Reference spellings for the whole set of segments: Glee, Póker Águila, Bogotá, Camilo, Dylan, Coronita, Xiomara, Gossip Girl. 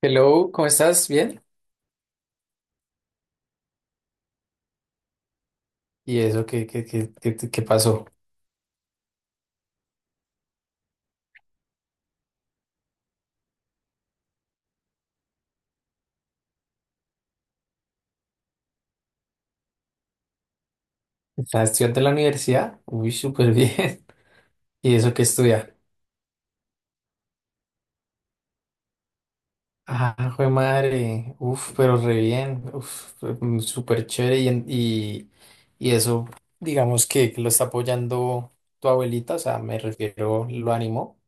Hello, ¿cómo estás? ¿Bien? ¿Y eso qué pasó? ¿Estás estudiante en la universidad? Uy, súper bien. ¿Y eso qué estudia? Ah, jue madre. Uf, pero re bien. Uf, súper chévere. Y eso, digamos que lo está apoyando tu abuelita, o sea, me refiero, lo animó.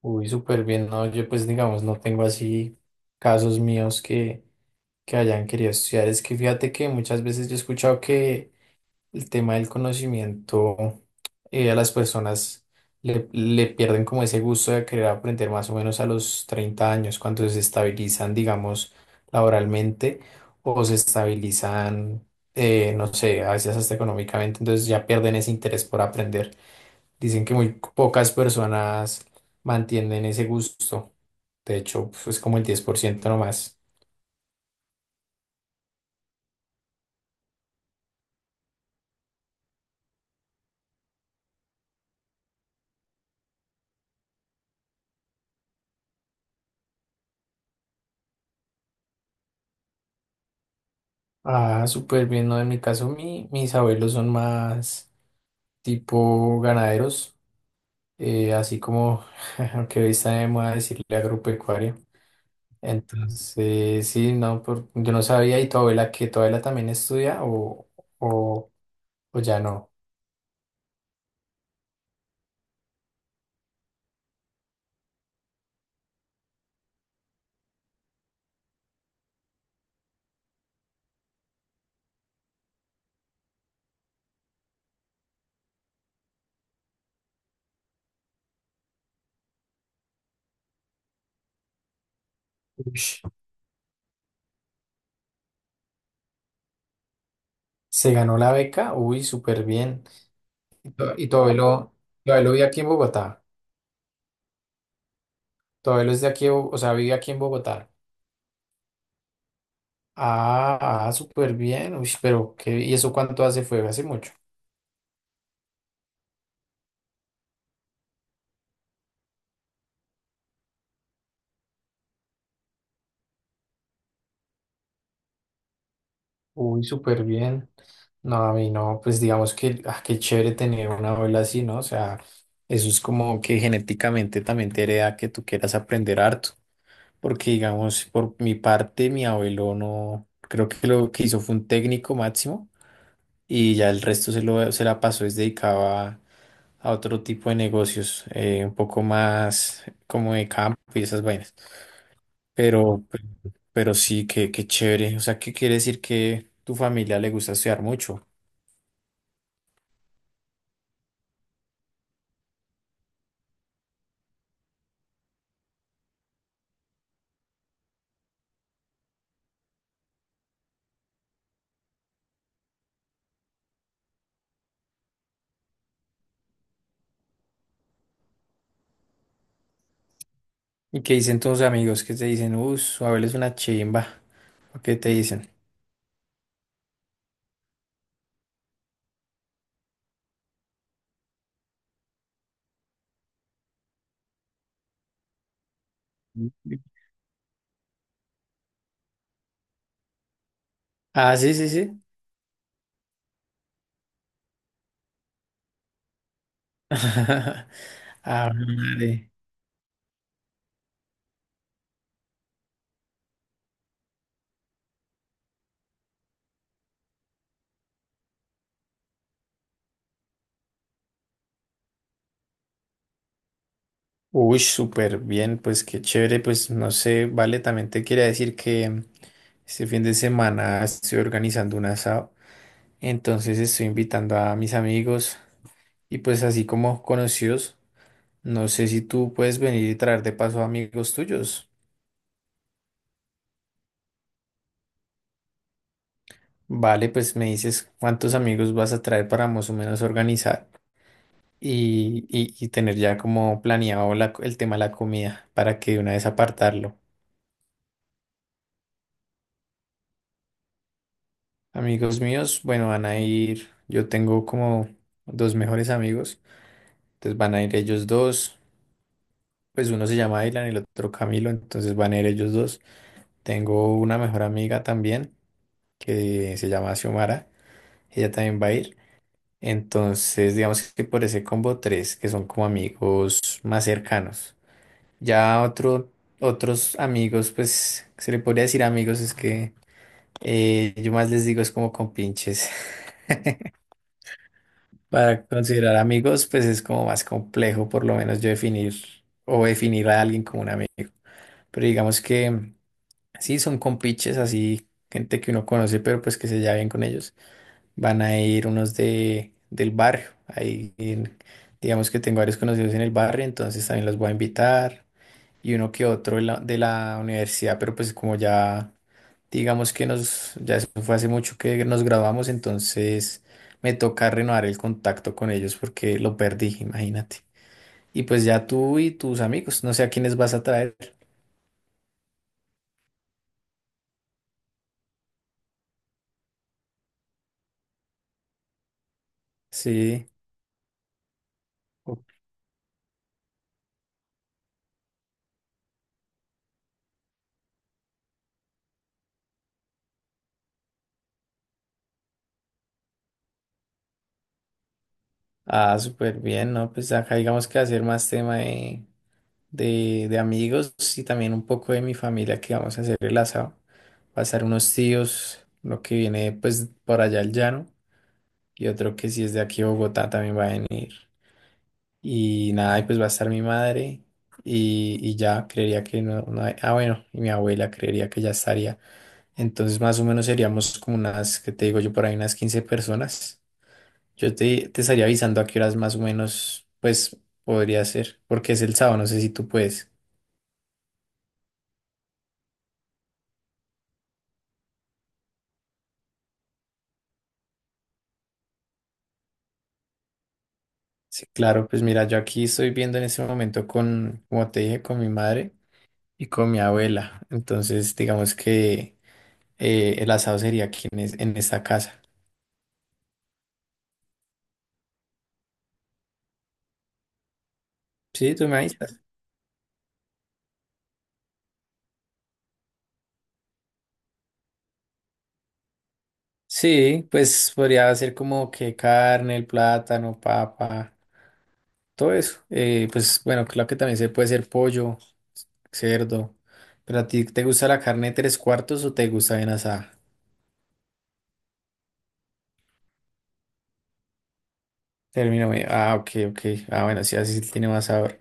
Uy, súper bien. No, yo pues digamos, no tengo así casos míos que hayan querido estudiar. Es que fíjate que muchas veces yo he escuchado que el tema del conocimiento. A las personas le pierden como ese gusto de querer aprender más o menos a los 30 años, cuando se estabilizan, digamos, laboralmente o se estabilizan, no sé, a veces hasta económicamente, entonces ya pierden ese interés por aprender. Dicen que muy pocas personas mantienen ese gusto. De hecho, pues es como el 10% nomás. Ah, súper bien, ¿no? En mi caso, mis abuelos son más tipo ganaderos. Así como que hoy está de moda decirle agropecuaria. Entonces, sí, no, yo no sabía, ¿y tu abuela que tu abuela también estudia o, o ya no? Ush, ¿se ganó la beca? Uy, súper bien. ¿Y tu abuelo vive aquí en Bogotá? ¿Tu abuelo es de aquí, de o sea, vive aquí en Bogotá? Ah, ah, súper bien. Uy, pero qué, ¿y eso cuánto hace? ¿Fue hace mucho? Uy, súper bien. No, a mí no, pues digamos que, ah, qué chévere tener una abuela así, ¿no? O sea, eso es como que genéticamente también te hereda que tú quieras aprender harto, porque digamos, por mi parte, mi abuelo no, creo que lo que hizo fue un técnico máximo y ya el resto se lo, se la pasó, es dedicado a otro tipo de negocios, un poco más como de campo y esas vainas. Pero, pe- pero sí, qué chévere. O sea, ¿qué quiere decir que tu familia le gusta estudiar mucho? ¿Y qué dicen tus amigos que te dicen, su Abel es una chimba? ¿O qué te dicen? Mm. Ah, sí, sí, sí. Ah, vale. Uy, súper bien, pues qué chévere, pues no sé, vale, también te quería decir que este fin de semana estoy organizando un asado, entonces estoy invitando a mis amigos y pues así como conocidos. No sé si tú puedes venir y traer de paso amigos tuyos. Vale, pues me dices cuántos amigos vas a traer para más o menos organizar y tener ya como planeado la el tema de la comida para que de una vez apartarlo. Amigos míos, bueno, van a ir, yo tengo como dos mejores amigos, entonces van a ir ellos dos, pues uno se llama Dylan y el otro Camilo, entonces van a ir ellos dos. Tengo una mejor amiga también que se llama Xiomara, ella también va a ir. Entonces, digamos que por ese combo tres, que son como amigos más cercanos. Ya otros amigos, pues, se le podría decir amigos, es que yo más les digo es como compinches. Para considerar amigos, pues es como más complejo, por lo menos yo definir o definir a alguien como un amigo. Pero digamos que sí, son compinches, así, gente que uno conoce, pero pues que se lleva bien con ellos. Van a ir unos del barrio. Ahí, digamos que tengo varios conocidos en el barrio, entonces también los voy a invitar. Y uno que otro de la universidad, pero pues como ya, digamos que nos, ya eso fue hace mucho que nos graduamos, entonces me toca renovar el contacto con ellos porque lo perdí, imagínate. Y pues ya tú y tus amigos, no sé a quiénes vas a traer. Sí. Ok. Ah, súper bien, ¿no? Pues acá digamos que va a ser más tema de de amigos y también un poco de mi familia que vamos a hacer el asado. Va a estar unos tíos, uno que viene pues por allá al llano y otro que si es de aquí a Bogotá también va a venir. Y nada, y pues va a estar mi madre y ya creería que no, ah bueno, y mi abuela creería que ya estaría. Entonces más o menos seríamos como unas, que te digo yo, por ahí unas 15 personas. Yo te estaría avisando a qué horas más o menos pues podría ser, porque es el sábado, no sé si tú puedes. Sí, claro, pues mira, yo aquí estoy viendo en este momento con, como te dije, con mi madre y con mi abuela. Entonces, digamos que el asado sería aquí en esta casa. Sí, tú me avisas. Sí, pues podría ser como que carne, el plátano, papa, todo eso. Pues bueno, claro que también se puede ser pollo, cerdo. Pero a ti, ¿te gusta la carne tres cuartos o te gusta bien asada? Término medio. Ah, ok, ok. Ah, bueno, sí, así tiene más sabor.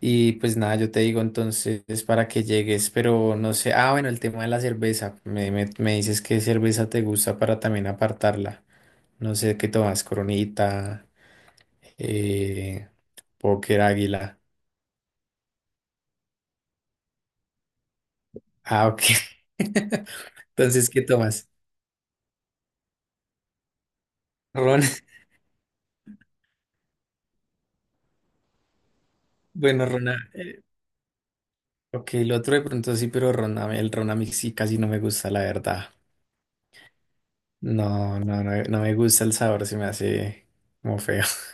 Y pues nada, yo te digo entonces para que llegues, pero no sé, ah, bueno, el tema de la cerveza, me dices qué cerveza te gusta para también apartarla. No sé qué tomas, Coronita, eh, Póker Águila. Ah, ok. Entonces, ¿qué tomas? Ron, bueno, Rona, ok, el otro de pronto sí, pero Rona, el Rona a mí sí casi no me gusta, la verdad. No, no, no, no me gusta el sabor, se me hace como feo.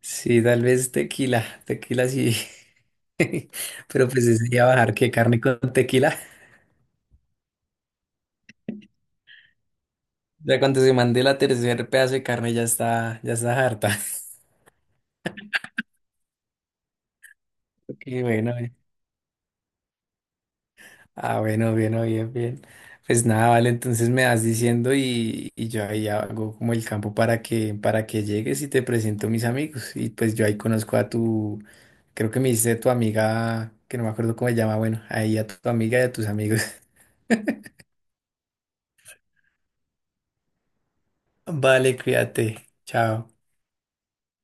Sí, tal vez tequila, tequila sí. Pero pues ese día bajar que carne con tequila. Ya cuando se mande la tercer pedazo de carne ya está harta. Qué bueno. Ah, bueno, bien, oh, bien, bien. Pues nada, vale, entonces me vas diciendo y yo ahí hago como el campo para que llegues y te presento a mis amigos. Y pues yo ahí conozco a tu, creo que me dice tu amiga, que no me acuerdo cómo se llama, bueno, ahí a tu amiga y a tus amigos. Vale, cuídate. Chao.